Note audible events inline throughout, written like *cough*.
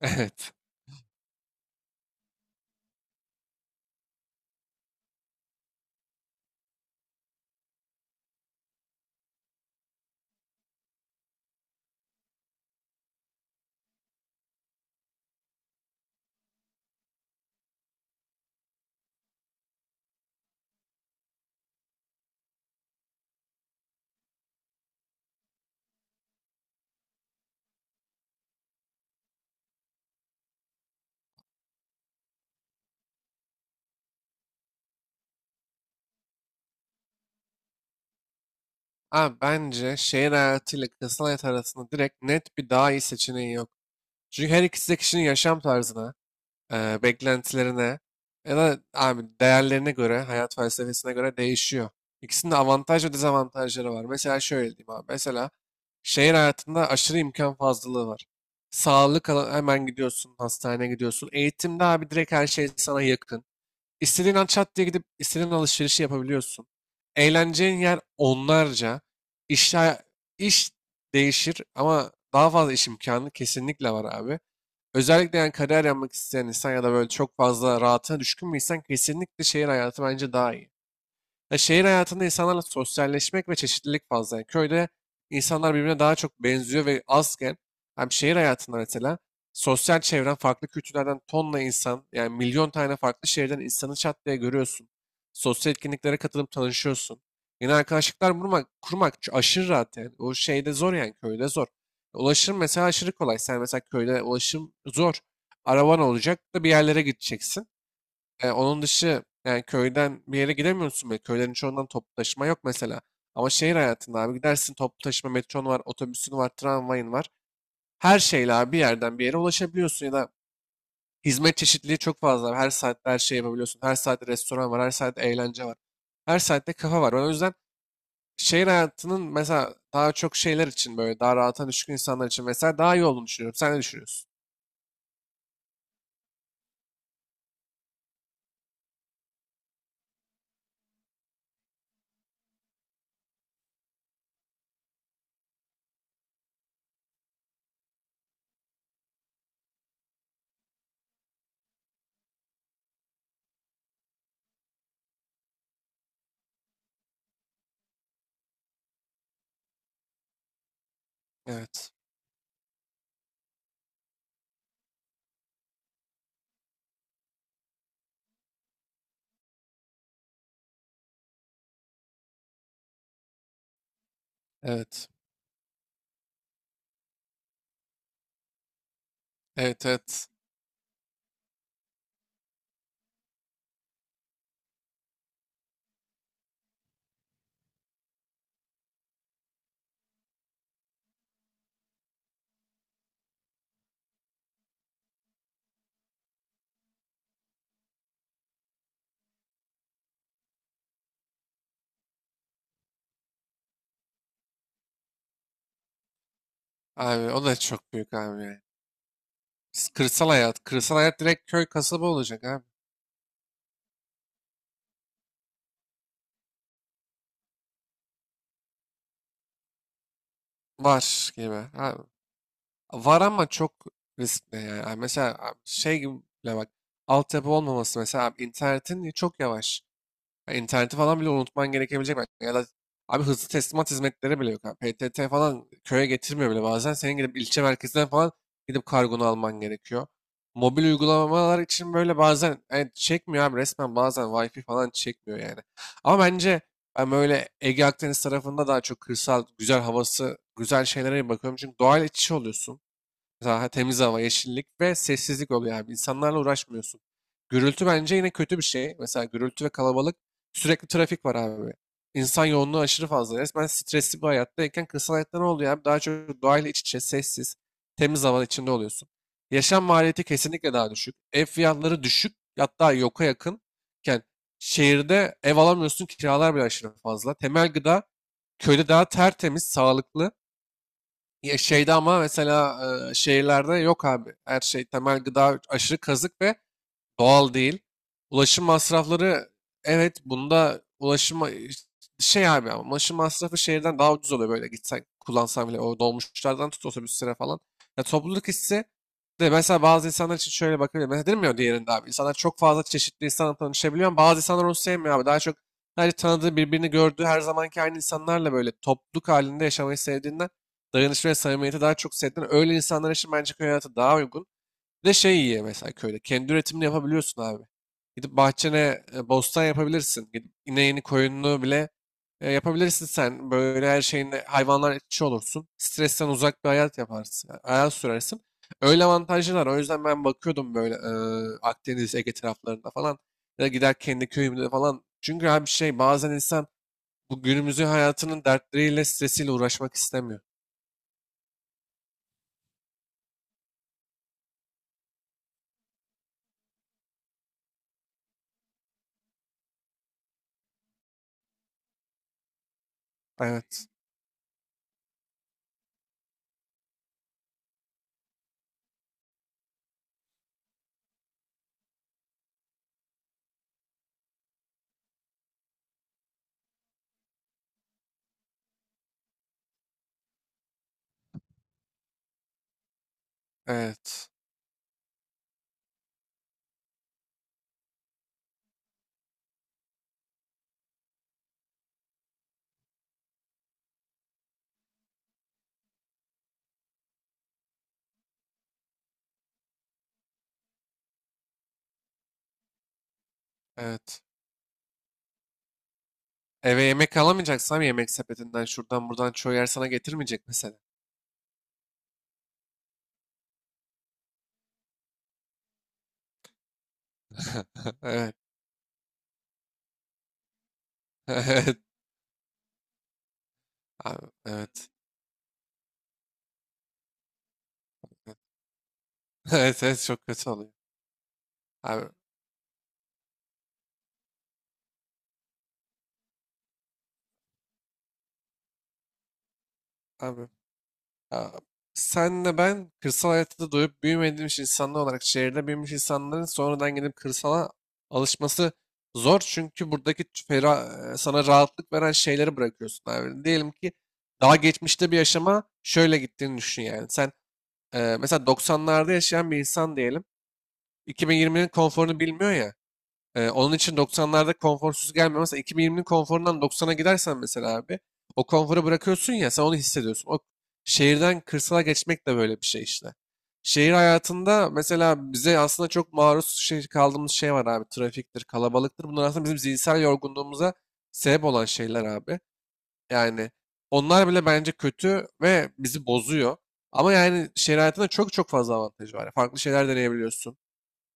Evet. Abi bence şehir hayatıyla kırsal hayat arasında direkt net bir daha iyi seçeneği yok. Çünkü her ikisi de kişinin yaşam tarzına, beklentilerine ya da abi değerlerine göre, hayat felsefesine göre değişiyor. İkisinin de avantaj ve dezavantajları var. Mesela şöyle diyeyim abi. Mesela şehir hayatında aşırı imkan fazlalığı var. Hemen gidiyorsun, hastaneye gidiyorsun. Eğitimde abi direkt her şey sana yakın. İstediğin an çat diye gidip istediğin alışverişi yapabiliyorsun. Eğleneceğin yer onlarca. İş, iş değişir ama daha fazla iş imkanı kesinlikle var abi. Özellikle yani kariyer yapmak isteyen insan ya da böyle çok fazla rahatına düşkün bir insan kesinlikle şehir hayatı bence daha iyi. Ya şehir hayatında insanlarla sosyalleşmek ve çeşitlilik fazla. Yani köyde insanlar birbirine daha çok benziyor ve azken hem şehir hayatında mesela sosyal çevren farklı kültürlerden tonla insan yani milyon tane farklı şehirden insanı çat diye görüyorsun. Sosyal etkinliklere katılıp tanışıyorsun. Yeni arkadaşlıklar kurmak aşırı rahat yani. O şeyde zor yani köyde zor. Ulaşım mesela aşırı kolay. Sen mesela köyde ulaşım zor. Araban olacak da bir yerlere gideceksin. Onun dışı yani köyden bir yere gidemiyorsun bile. Köylerin çoğundan toplu taşıma yok mesela. Ama şehir hayatında abi gidersin toplu taşıma metron var, otobüsün var, tramvayın var. Her şeyle abi bir yerden bir yere ulaşabiliyorsun ya da hizmet çeşitliliği çok fazla. Her saatte her şey yapabiliyorsun. Her saatte restoran var, her saatte eğlence var. Her saatte kafa var. Ben o yüzden şehir hayatının mesela daha çok şeyler için böyle daha rahata düşkün insanlar için mesela daha iyi olduğunu düşünüyorum. Sen ne düşünüyorsun? Evet. Evet. Evet, evet. Abi o da çok büyük abi, ya. Kırsal hayat. Kırsal hayat direkt köy kasaba olacak abi. Var gibi. Abi. Var ama çok riskli yani. Abi mesela abi şey gibi bile bak. Altyapı olmaması mesela abi internetin çok yavaş. Ha, İnterneti falan bile unutman gerekebilecek belki. Ya da abi hızlı teslimat hizmetleri bile yok, abi. PTT falan köye getirmiyor bile bazen. Senin gidip ilçe merkezinden falan gidip kargonu alman gerekiyor. Mobil uygulamalar için böyle bazen evet, çekmiyor abi, resmen bazen Wi-Fi falan çekmiyor yani. Ama bence ben böyle Ege Akdeniz tarafında daha çok kırsal, güzel havası, güzel şeylere bakıyorum. Çünkü doğal iç içe oluyorsun. Daha temiz hava, yeşillik ve sessizlik oluyor abi. İnsanlarla uğraşmıyorsun. Gürültü bence yine kötü bir şey. Mesela gürültü ve kalabalık, sürekli trafik var abi. İnsan yoğunluğu aşırı fazla. Resmen stresli bir hayattayken kırsal hayatta ne oluyor abi? Daha çok doğayla iç içe, sessiz, temiz hava içinde oluyorsun. Yaşam maliyeti kesinlikle daha düşük. Ev fiyatları düşük, hatta yoka yakınken şehirde ev alamıyorsun, kiralar bile aşırı fazla. Temel gıda köyde daha tertemiz, sağlıklı, ya şeyde ama mesela şehirlerde yok abi. Her şey temel gıda aşırı kazık ve doğal değil. Ulaşım masrafları, evet bunda ulaşım şey abi, ama ulaşım masrafı şehirden daha ucuz oluyor böyle gitsen kullansan bile, o dolmuşlardan tut otobüslere falan. Ya topluluk hissi de mesela bazı insanlar için şöyle bakabilir. Mesela dedim ya diğerinde abi insanlar çok fazla çeşitli insanla tanışabiliyor ama bazı insanlar onu sevmiyor abi. Daha çok sadece tanıdığı birbirini gördüğü her zamanki aynı insanlarla böyle topluluk halinde yaşamayı sevdiğinden, dayanışma ve samimiyeti daha çok sevdiğinden öyle insanlar için bence köy hayatı daha uygun. Bir de şey iyi mesela köyde. Kendi üretimini yapabiliyorsun abi. Gidip bahçene bostan yapabilirsin. Gidip ineğini, koyununu bile yapabilirsin sen. Böyle her şeyinde hayvanlar etçi olursun. Stresten uzak bir hayat yaparsın, yani hayat sürersin. Öyle avantajlar var. O yüzden ben bakıyordum böyle Akdeniz, Ege taraflarında falan. Ya da gider kendi köyümde falan. Çünkü abi şey bazen insan bu günümüzün hayatının dertleriyle, stresiyle uğraşmak istemiyor. Evet, evet, evet. Eve yemek alamayacaksam yemek sepetinden şuradan buradan çoğu yer sana getirmeyecek mesela. *laughs* Evet. *laughs* Evet. Abi, evet. *laughs* Evet, evet, çok kötü oluyor. Abi, abi, abi. Senle ben kırsal hayatta da doyup büyümediğimiz insanlar olarak şehirde büyümüş insanların sonradan gidip kırsala alışması zor. Çünkü buradaki sana rahatlık veren şeyleri bırakıyorsun abi. Diyelim ki daha geçmişte bir yaşama şöyle gittiğini düşün yani. Sen mesela 90'larda yaşayan bir insan diyelim. 2020'nin konforunu bilmiyor ya. Onun için doksanlarda konforsuz gelmiyor. Mesela 2020'nin konforundan doksan'a gidersen mesela abi o konforu bırakıyorsun ya, sen onu hissediyorsun. O şehirden kırsala geçmek de böyle bir şey işte. Şehir hayatında mesela bize aslında çok maruz şey, kaldığımız şey var abi. Trafiktir, kalabalıktır. Bunlar aslında bizim zihinsel yorgunluğumuza sebep olan şeyler abi. Yani onlar bile bence kötü ve bizi bozuyor. Ama yani şehir hayatında çok çok fazla avantajı var. Farklı şeyler deneyebiliyorsun,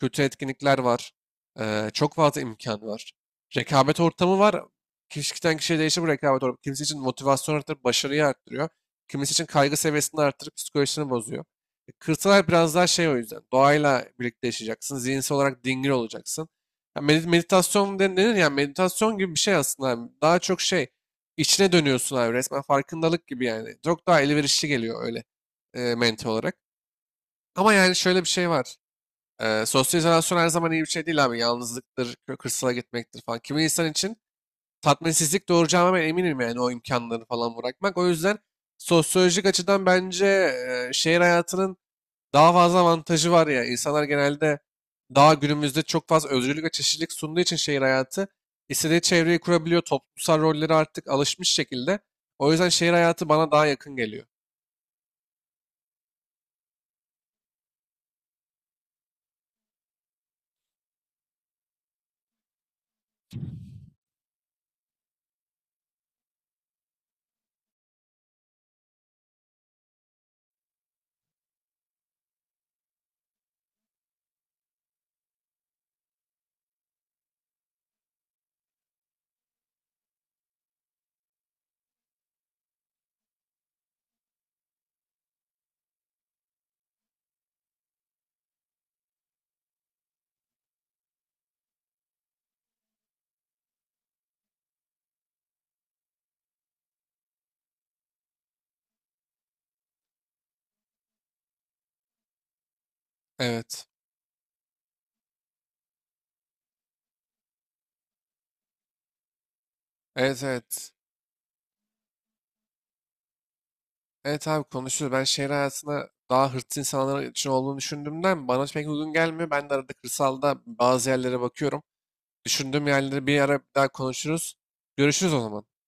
kötü etkinlikler var. Çok fazla imkan var. Rekabet ortamı var. Kişiden kişiye değişir bu rekabet ortamı. Kimisi için motivasyon arttırıp başarıyı arttırıyor. Kimisi için kaygı seviyesini arttırıp psikolojisini bozuyor. Kırsal hayat biraz daha şey o yüzden. Doğayla birlikte yaşayacaksın. Zihinsel olarak dingin olacaksın. Ya denir ya meditasyon gibi bir şey aslında abi. Daha çok şey içine dönüyorsun abi, resmen farkındalık gibi yani. Çok daha elverişli geliyor öyle mental olarak. Ama yani şöyle bir şey var. Sosyal izolasyon her zaman iyi bir şey değil abi. Yalnızlıktır, kırsala gitmektir falan. Kimi insan için tatminsizlik doğuracağına ben eminim yani o imkanları falan bırakmak. O yüzden sosyolojik açıdan bence şehir hayatının daha fazla avantajı var ya. İnsanlar genelde daha günümüzde çok fazla özgürlük ve çeşitlilik sunduğu için şehir hayatı istediği çevreyi kurabiliyor. Toplumsal rolleri artık alışmış şekilde. O yüzden şehir hayatı bana daha yakın geliyor. Evet. Evet, evet. Evet abi, konuşuruz. Ben şehir hayatına daha hırslı insanlar için olduğunu düşündüğümden bana pek uygun gelmiyor. Ben de arada kırsalda bazı yerlere bakıyorum. Düşündüğüm yerleri bir ara bir daha konuşuruz. Görüşürüz o zaman.